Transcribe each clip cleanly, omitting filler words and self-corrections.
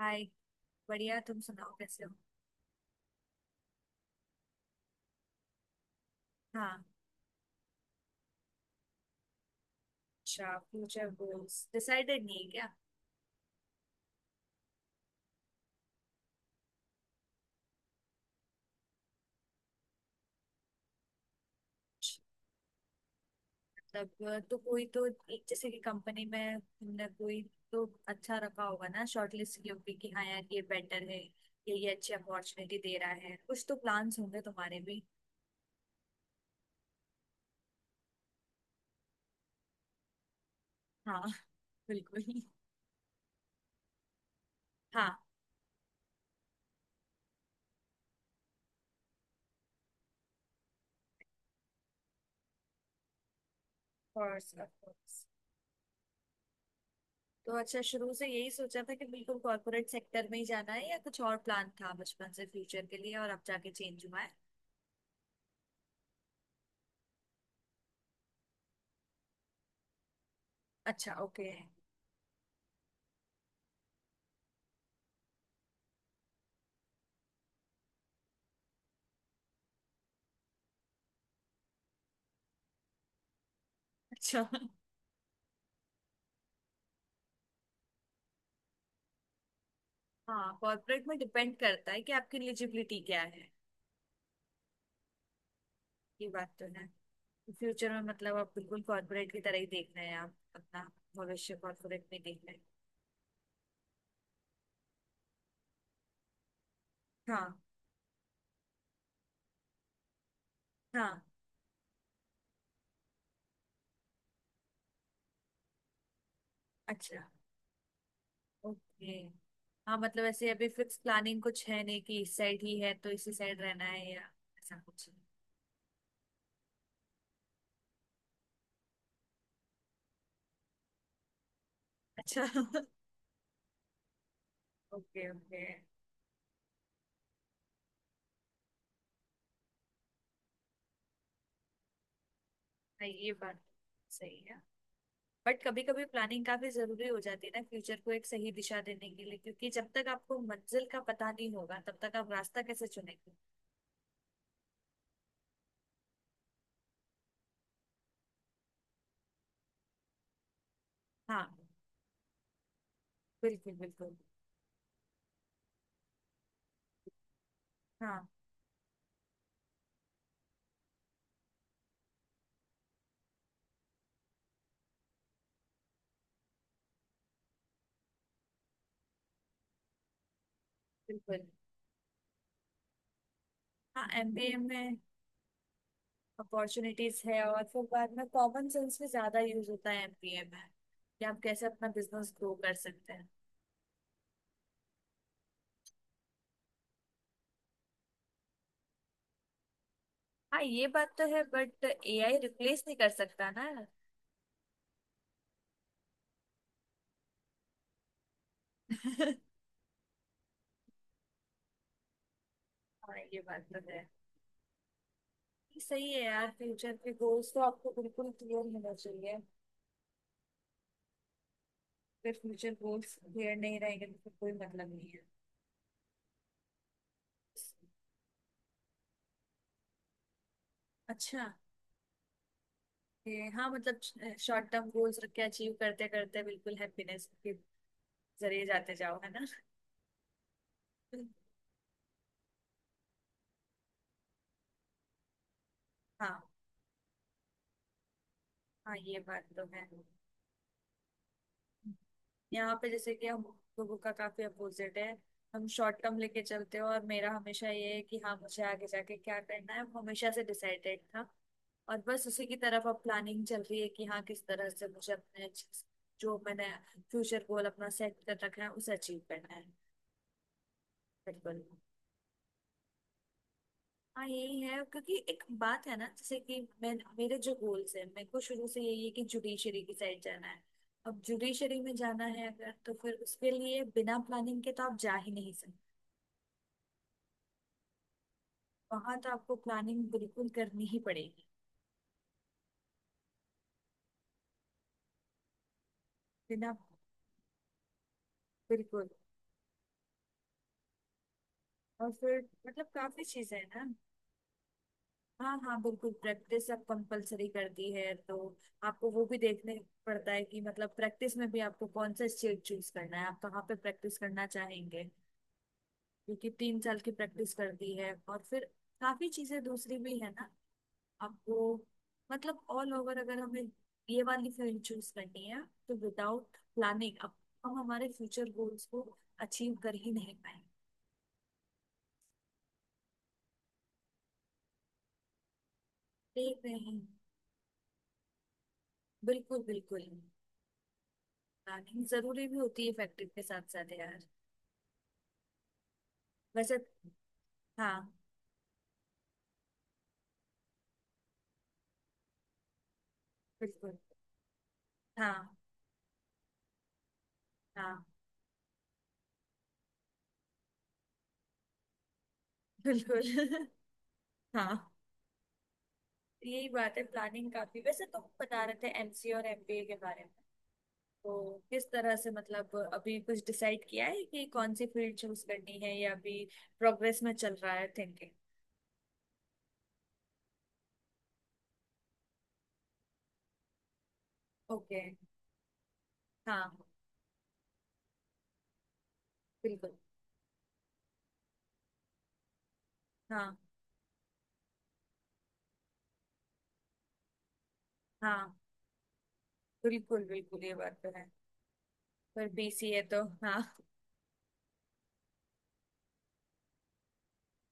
हाय। बढ़िया, तुम सुनाओ, कैसे हो? हाँ। अच्छा, फ्यूचर गोल्स डिसाइडेड नहीं है क्या? मतलब तो कोई तो एक, जैसे कि कंपनी में तुमने कोई तो अच्छा रखा होगा ना, शॉर्टलिस्ट की होगी कि हाँ यार, ये बेटर है, ये अच्छी अपॉर्चुनिटी दे रहा है, कुछ तो प्लान्स होंगे तुम्हारे भी। हाँ बिल्कुल। हाँ। Course of course. तो अच्छा, शुरू से यही सोचा था कि बिल्कुल कॉर्पोरेट सेक्टर में ही जाना है, या कुछ और प्लान था बचपन से फ्यूचर के लिए और अब जाके चेंज हुआ है? अच्छा, ओके। अच्छा हाँ, कॉर्पोरेट में डिपेंड करता है कि आपकी एलिजिबिलिटी क्या है। ये बात तो है। फ्यूचर में मतलब आप बिल्कुल कॉर्पोरेट की तरह ही देखना है, आप अपना भविष्य कॉर्पोरेट में देखना है? हाँ। हाँ। अच्छा, ओके। हाँ मतलब ऐसे अभी फिक्स प्लानिंग कुछ है नहीं कि इस साइड ही है तो इसी साइड रहना है, या ऐसा कुछ। अच्छा ओके, ओके। हाँ, ये बात सही है। बट कभी कभी प्लानिंग काफी जरूरी हो जाती है ना, फ्यूचर को एक सही दिशा देने के लिए, क्योंकि जब तक आपको मंजिल का पता नहीं होगा, तब तक आप रास्ता कैसे चुनेंगे? हाँ। बिल्कुल बिल्कुल। हाँ, बिल्कुल। हाँ, एमबीए में अपॉर्चुनिटीज है, और फिर बाद में कॉमन सेंस भी ज्यादा यूज होता है एमबीए में, कि आप कैसे अपना बिजनेस ग्रो कर सकते हैं। हाँ, ये बात तो है, बट एआई रिप्लेस नहीं कर सकता ना। हाँ, ये बात तो है। सही है यार, फ्यूचर के गोल्स तो आपको बिल्कुल क्लियर होना चाहिए। फिर फ्यूचर गोल्स क्लियर नहीं रहेगा, तो फिर कोई मतलब नहीं है। अच्छा। ये हाँ मतलब, शॉर्ट टर्म गोल्स रख के अचीव करते करते बिल्कुल हैप्पीनेस के जरिए जाते जाओ, है ना? हाँ। हाँ, ये बात तो है। यहाँ पे जैसे कि हम लोगों का काफी अपोजिट है। हम शॉर्ट टर्म लेके चलते हो, और मेरा हमेशा ये है कि हाँ, मुझे आगे जाके क्या करना है, वो हमेशा से डिसाइडेड था। और बस उसी की तरफ अब प्लानिंग चल रही है कि हाँ, किस तरह से मुझे अपने जो मैंने फ्यूचर गोल अपना सेट कर रखा है, उसे अचीव करना है। बिल्कुल। हाँ यही है, क्योंकि एक बात है ना, जैसे कि मैं, मेरे जो गोल्स है, मेरे को शुरू से यही है कि जुडिशरी की साइड जाना है। अब जुडिशरी में जाना है अगर, तो फिर उसके लिए बिना प्लानिंग के तो आप जा ही नहीं सकते। वहां तो आपको प्लानिंग बिल्कुल करनी ही पड़ेगी। बिना। बिल्कुल। और फिर, मतलब काफी चीजें हैं ना। हाँ हाँ बिल्कुल, प्रैक्टिस अब कंपलसरी कर दी है, तो आपको वो भी देखने पड़ता है कि मतलब प्रैक्टिस में भी आपको कौन सा स्टेट चूज करना है, आप कहाँ पे प्रैक्टिस करना चाहेंगे, क्योंकि तीन साल की प्रैक्टिस कर दी है। और फिर काफी चीजें दूसरी भी है ना आपको। मतलब ऑल ओवर अगर हमें ये वाली फील्ड चूज करनी है, तो विदाउट प्लानिंग अब हम हमारे फ्यूचर गोल्स को अचीव कर ही नहीं पाएंगे। देख रहे हैं। बिल्कुल बिल्कुल। प्लानिंग जरूरी भी होती है फैक्ट्री के साथ साथ यार। वैसे हाँ। बिल्कुल। हाँ। हाँ। बिल्कुल हाँ, यही बात है। प्लानिंग काफी। वैसे तुम बता रहे थे एमसीए और एमबीए के बारे में, तो किस तरह से, मतलब अभी कुछ डिसाइड किया है कि कौन सी फील्ड चूज करनी है, या अभी प्रोग्रेस में चल रहा है थिंकिंग? ओके। हाँ। बिल्कुल। हाँ। हाँ। बिल्कुल बिल्कुल, ये बात तो है। पर बीसीए तो हाँ।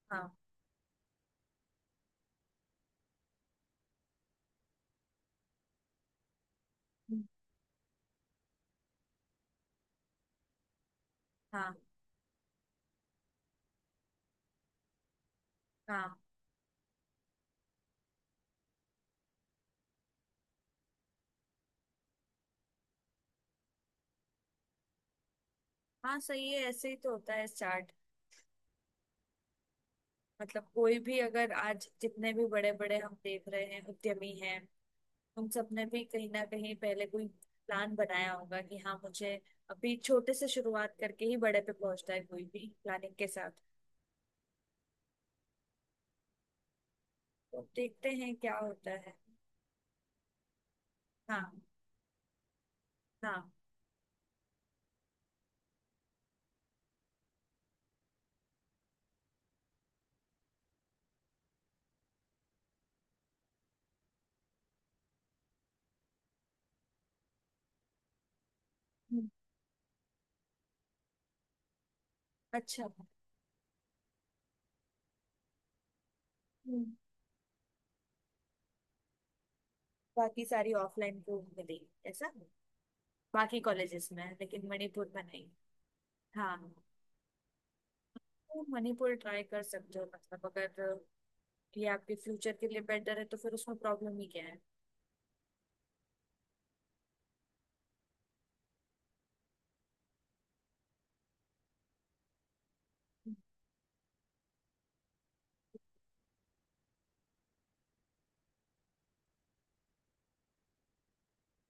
हाँ। हाँ। हाँ। हाँ, सही है, ऐसे ही तो होता है स्टार्ट। मतलब कोई भी, अगर आज जितने भी बड़े बड़े हम देख रहे हैं उद्यमी हैं, उन सब ने भी कहीं ना कहीं पहले कोई प्लान बनाया होगा कि हाँ, मुझे अभी छोटे से शुरुआत करके ही बड़े पे पहुंचता है कोई भी, प्लानिंग के साथ। तो देखते हैं क्या होता है। हाँ। हाँ। हम्म, अच्छा। हम्म, बाकी सारी ऑफलाइन कोर्स मिली, ऐसा? बाकी कॉलेजेस में है, लेकिन मणिपुर में नहीं। हाँ। तो मणिपुर ट्राई कर सकते हो, मतलब अगर ये आपके फ्यूचर के लिए बेटर है, तो फिर उसमें प्रॉब्लम ही क्या है?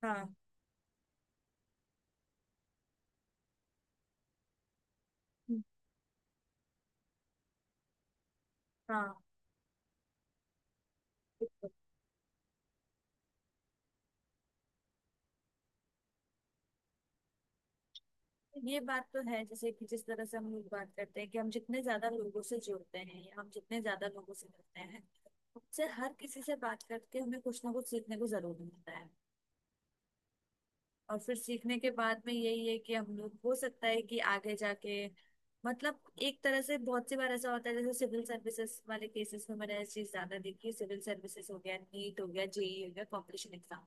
हाँ। हाँ। बिल्कुल। ये बात तो है, जैसे कि जिस तरह से हम लोग बात करते हैं कि हम जितने ज्यादा लोगों से जुड़ते हैं या हम जितने ज्यादा लोगों से मिलते हैं, उससे हर किसी से बात करके हमें कुछ ना कुछ सीखने को जरूर मिलता है। और फिर सीखने के बाद में यही है कि हम लोग, हो सकता है कि आगे जाके, मतलब एक तरह से बहुत सी बार ऐसा होता है, जैसे सिविल सर्विसेज वाले केसेस में मैंने ये चीज ज्यादा देखी है। सिविल सर्विसेज हो गया, नीट हो गया, जेई हो गया, कॉम्पिटिशन एग्जाम,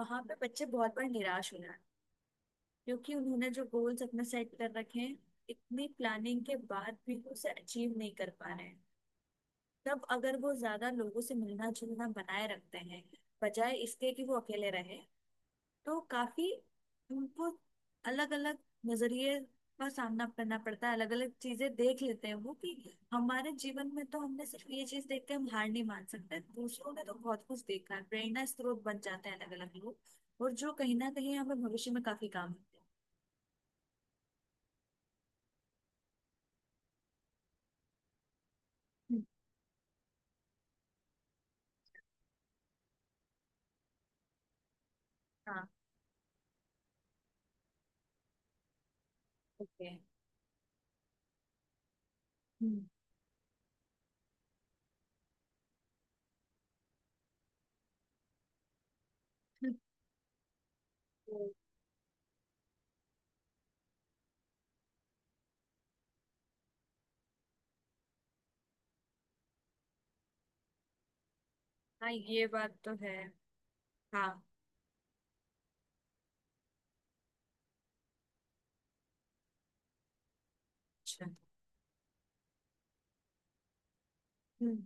वहां पे बच्चे बहुत बार निराश हो जाते हैं, क्योंकि उन्होंने जो गोल्स अपने सेट कर रखे हैं, इतनी प्लानिंग के बाद भी वो उसे अचीव नहीं कर पा रहे हैं। तब अगर वो ज्यादा लोगों से मिलना जुलना बनाए रखते हैं, बजाय इसके कि वो अकेले रहे, तो काफी उनको अलग अलग नजरिए का सामना करना पड़ता है, अलग अलग चीजें देख लेते हैं वो, कि हमारे जीवन में तो हमने सिर्फ ये चीज देख के हम हार नहीं मान सकते, दूसरों ने तो बहुत कुछ देखा है। प्रेरणा स्रोत बन जाते हैं अलग अलग लोग, और जो कहीं ना कहीं हमें भविष्य में काफी काम आते हैं। हम्म। हाँ। ओके। हम्म। तो, हाँ, ये बात तो है। हाँ। अच्छा। हम्म,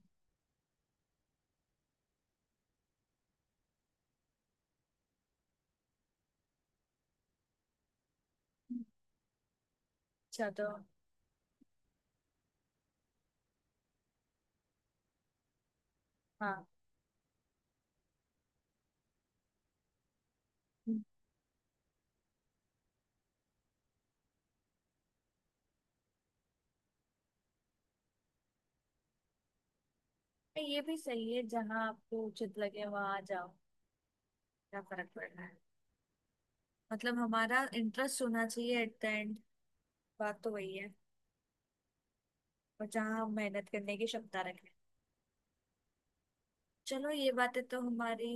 अच्छा। तो हाँ। हम्म। ये भी सही है, जहाँ आपको उचित लगे वहां जाओ, क्या फर्क पड़ रहा है। मतलब हमारा इंटरेस्ट होना चाहिए, एट द एंड बात तो वही है। और जहाँ हम मेहनत करने की क्षमता रखें। चलो, ये बातें तो हमारी।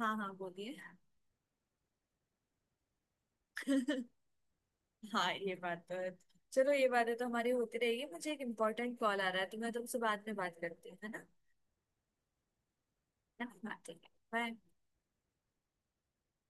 हाँ, हाँ, बोलिए। हाँ, ये बात तो है। चलो, ये बातें तो हमारी होती रहेगी, मुझे एक इम्पोर्टेंट कॉल आ रहा है, तो मैं तुमसे बाद में बात करती हूँ, है ना? है ना? हाँ, ठीक है, बाय।